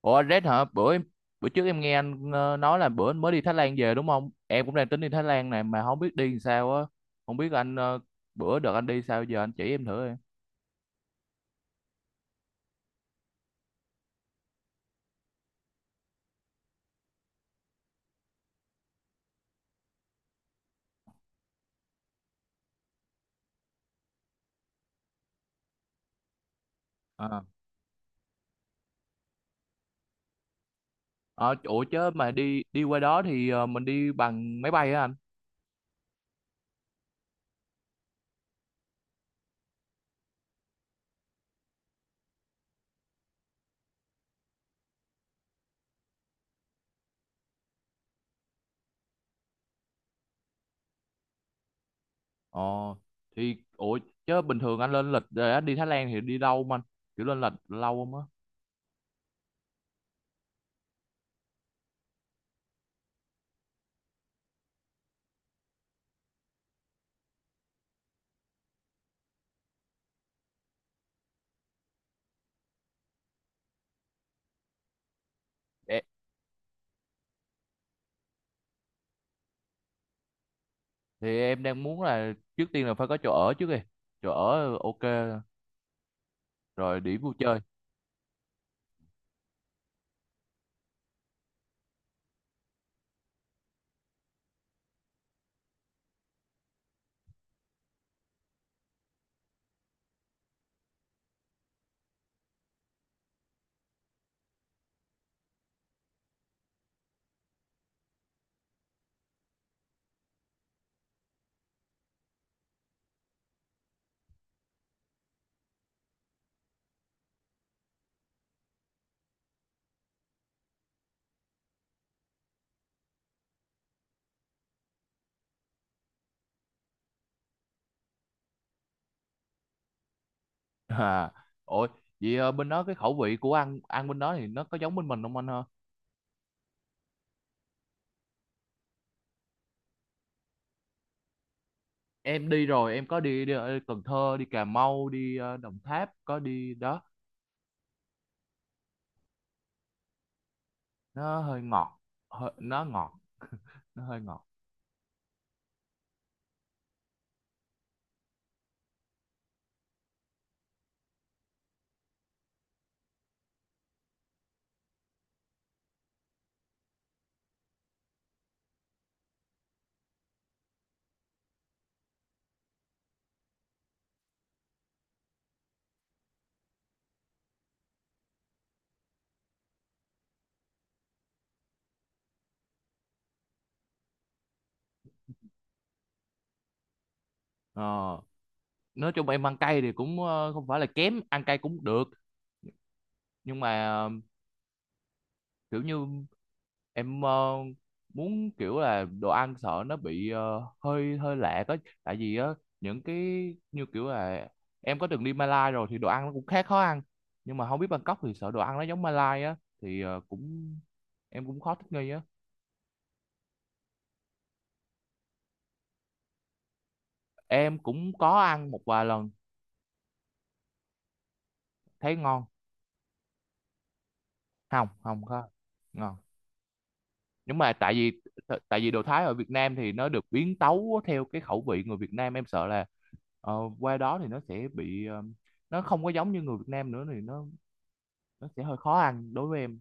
Ủa anh Red hả? Bữa trước em nghe anh nói là bữa anh mới đi Thái Lan về đúng không? Em cũng đang tính đi Thái Lan này mà không biết đi làm sao á. Không biết bữa đợt anh đi sao, giờ anh chỉ em thử em. À. Ờ, ủa chứ mà đi đi qua đó thì mình đi bằng máy bay á anh? Ờ, thì ủa chứ bình thường anh lên lịch rồi anh đi Thái Lan thì đi đâu mà anh? Kiểu lên lịch lâu không á? Ê. Thì em đang muốn là trước tiên là phải có chỗ ở trước đi. Chỗ ở ok, rồi điểm vui chơi. À, ôi, vậy bên đó cái khẩu vị của ăn ăn bên đó thì nó có giống bên mình không anh ha? Em đi rồi, em có đi ở Cần Thơ, đi Cà Mau, đi Đồng Tháp, có đi đó. Nó hơi ngọt. Nó ngọt. Nó hơi ngọt. Ờ, nói chung em ăn cay thì cũng không phải là kém ăn cay cũng được. Nhưng mà kiểu như em muốn kiểu là đồ ăn sợ nó bị hơi hơi lạ có. Tại vì á những cái như kiểu là em có từng đi Malai rồi thì đồ ăn nó cũng khá khó ăn. Nhưng mà không biết Bangkok thì sợ đồ ăn nó giống Malai á, thì ờ, cũng em cũng khó thích nghi á. Em cũng có ăn một vài lần. Thấy ngon. Không, không có. Ngon. Nhưng mà tại vì tại vì đồ Thái ở Việt Nam thì nó được biến tấu theo cái khẩu vị người Việt Nam, em sợ là ờ, qua đó thì nó sẽ bị nó không có giống như người Việt Nam nữa, thì nó sẽ hơi khó ăn đối với em.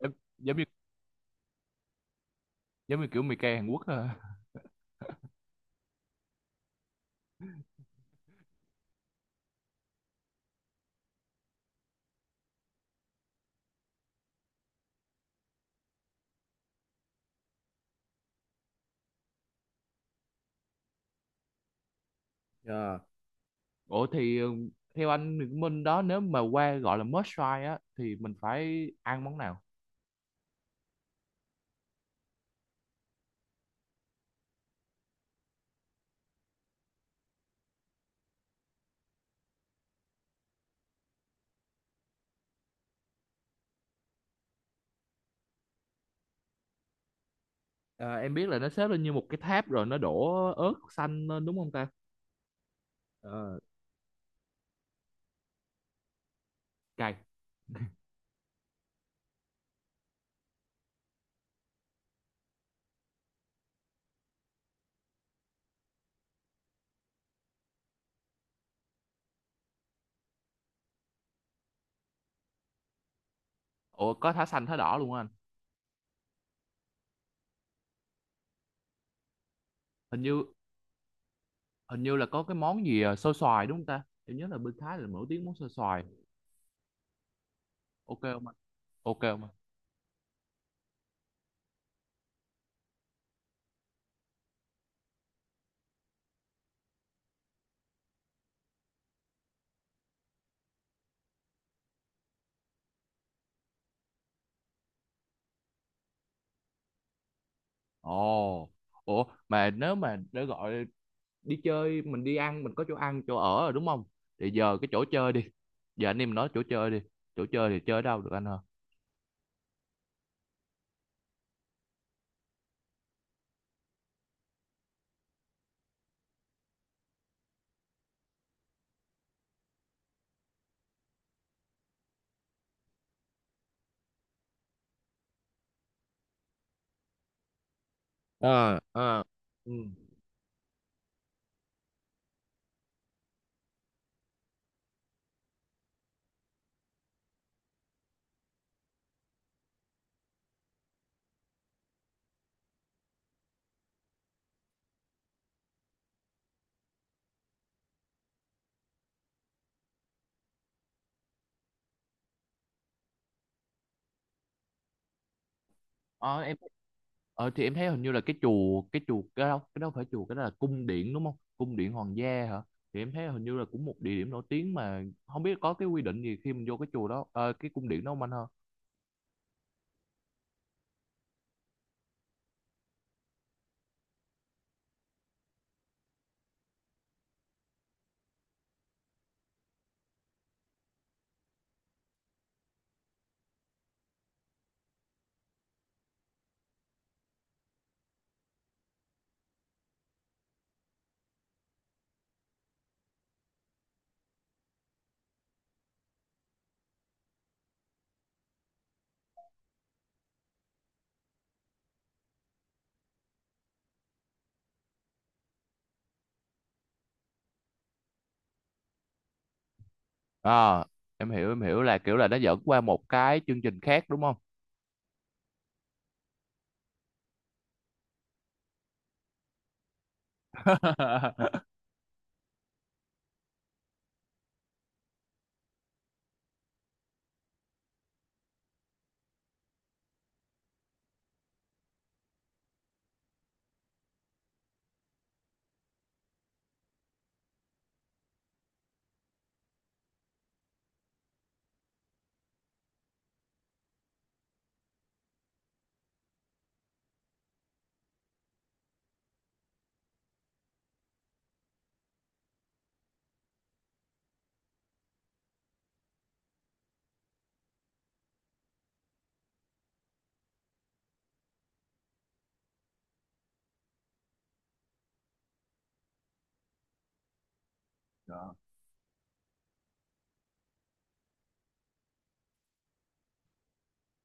Em- giống như giống như kiểu mì cay Hàn Quốc à. Ờ. Ủa thì theo anh Nguyễn Minh đó, nếu mà qua gọi là must try á thì mình phải ăn món nào? À, em biết là nó xếp lên như một cái tháp rồi nó đổ ớt xanh lên đúng không ta? Ờ. Cay. Ủa có thả xanh thả đỏ luôn hả anh? Hình như hình như là có cái món gì, xôi xoài đúng không ta? Em nhớ là bên Thái là nổi tiếng món xôi xoài. Ok không anh? Ok không anh? Ồ. Ủa mà nếu mà để gọi đi chơi, mình đi ăn, mình có chỗ ăn chỗ ở rồi đúng không, thì giờ cái chỗ chơi đi. Giờ anh em nói chỗ chơi đi. Chỗ chơi thì chơi đâu được anh hả? Ờ, ờ. Ừ. Ờ, thì em thấy hình như là cái chùa, cái đâu phải chùa, cái đó là cung điện đúng không, cung điện hoàng gia hả? Thì em thấy hình như là cũng một địa điểm nổi tiếng, mà không biết có cái quy định gì khi mình vô cái chùa đó, cái cung điện đó không anh hả? À, em hiểu là kiểu là nó dẫn qua một cái chương trình khác đúng không?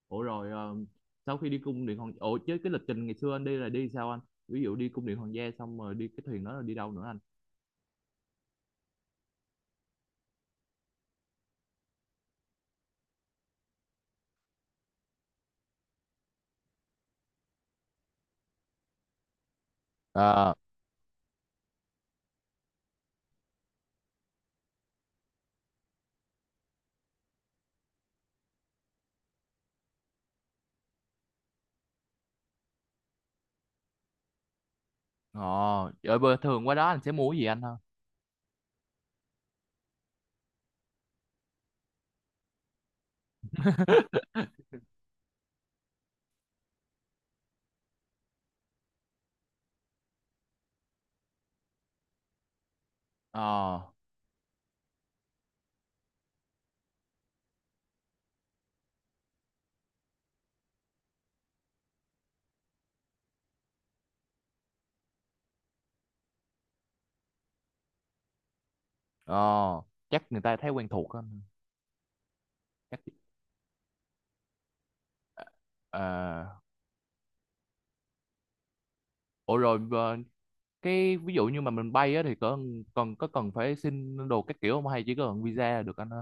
Ủa rồi ờ, sau khi đi cung điện hoàng ủa chứ cái lịch trình ngày xưa anh đi là đi sao anh? Ví dụ đi cung điện hoàng gia xong rồi đi cái thuyền đó là đi đâu nữa anh? Ờ, ờ. Trời bơ thường qua đó anh sẽ mua cái gì anh ha? Ờ, ờ. Chắc người ta thấy quen thuộc á, chắc. Ờ, ờ, ủa rồi cái ví dụ như mà mình bay á thì có cần phải xin đồ các kiểu không, hay chỉ cần visa là được anh ha?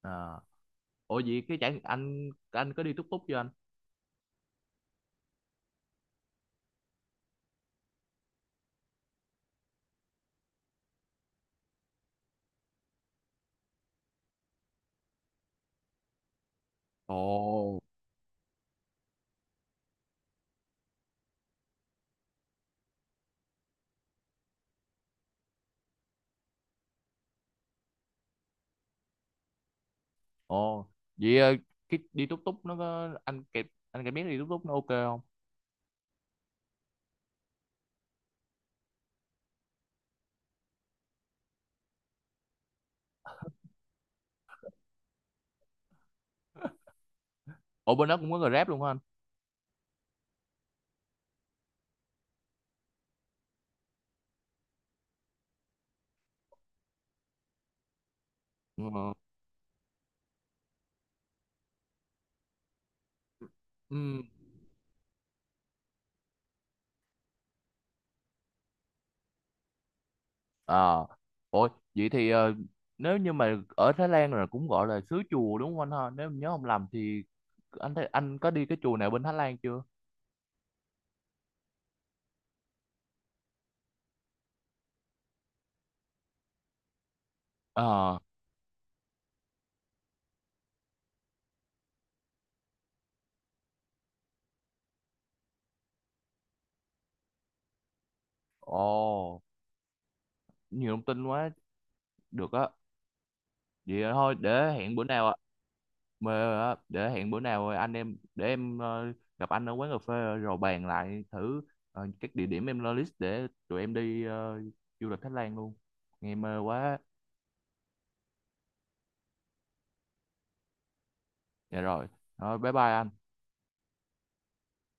Ờ. Ủa vậy cái chả anh có đi túc túc chưa anh? Ồ. Ồ. Vậy cái đi túc túc nó có anh kịp biết đi túc túc nó ok không? Ủa bên đó cũng có Grab luôn hả anh? Ừ. Ừ. À, ôi, vậy thì nếu như mà ở Thái Lan là cũng gọi là xứ chùa đúng không anh ha? Nếu mình nhớ không lầm thì anh thấy anh có đi cái chùa nào bên Thái Lan chưa? Ờ, ồ, nhiều thông tin quá, được á. Vậy thôi, mà để hẹn bữa nào anh em để em gặp anh ở quán cà phê rồi bàn lại thử, các địa điểm em lo list để tụi em đi du lịch Thái Lan luôn. Nghe mơ quá. Dạ rồi rồi bye bye anh.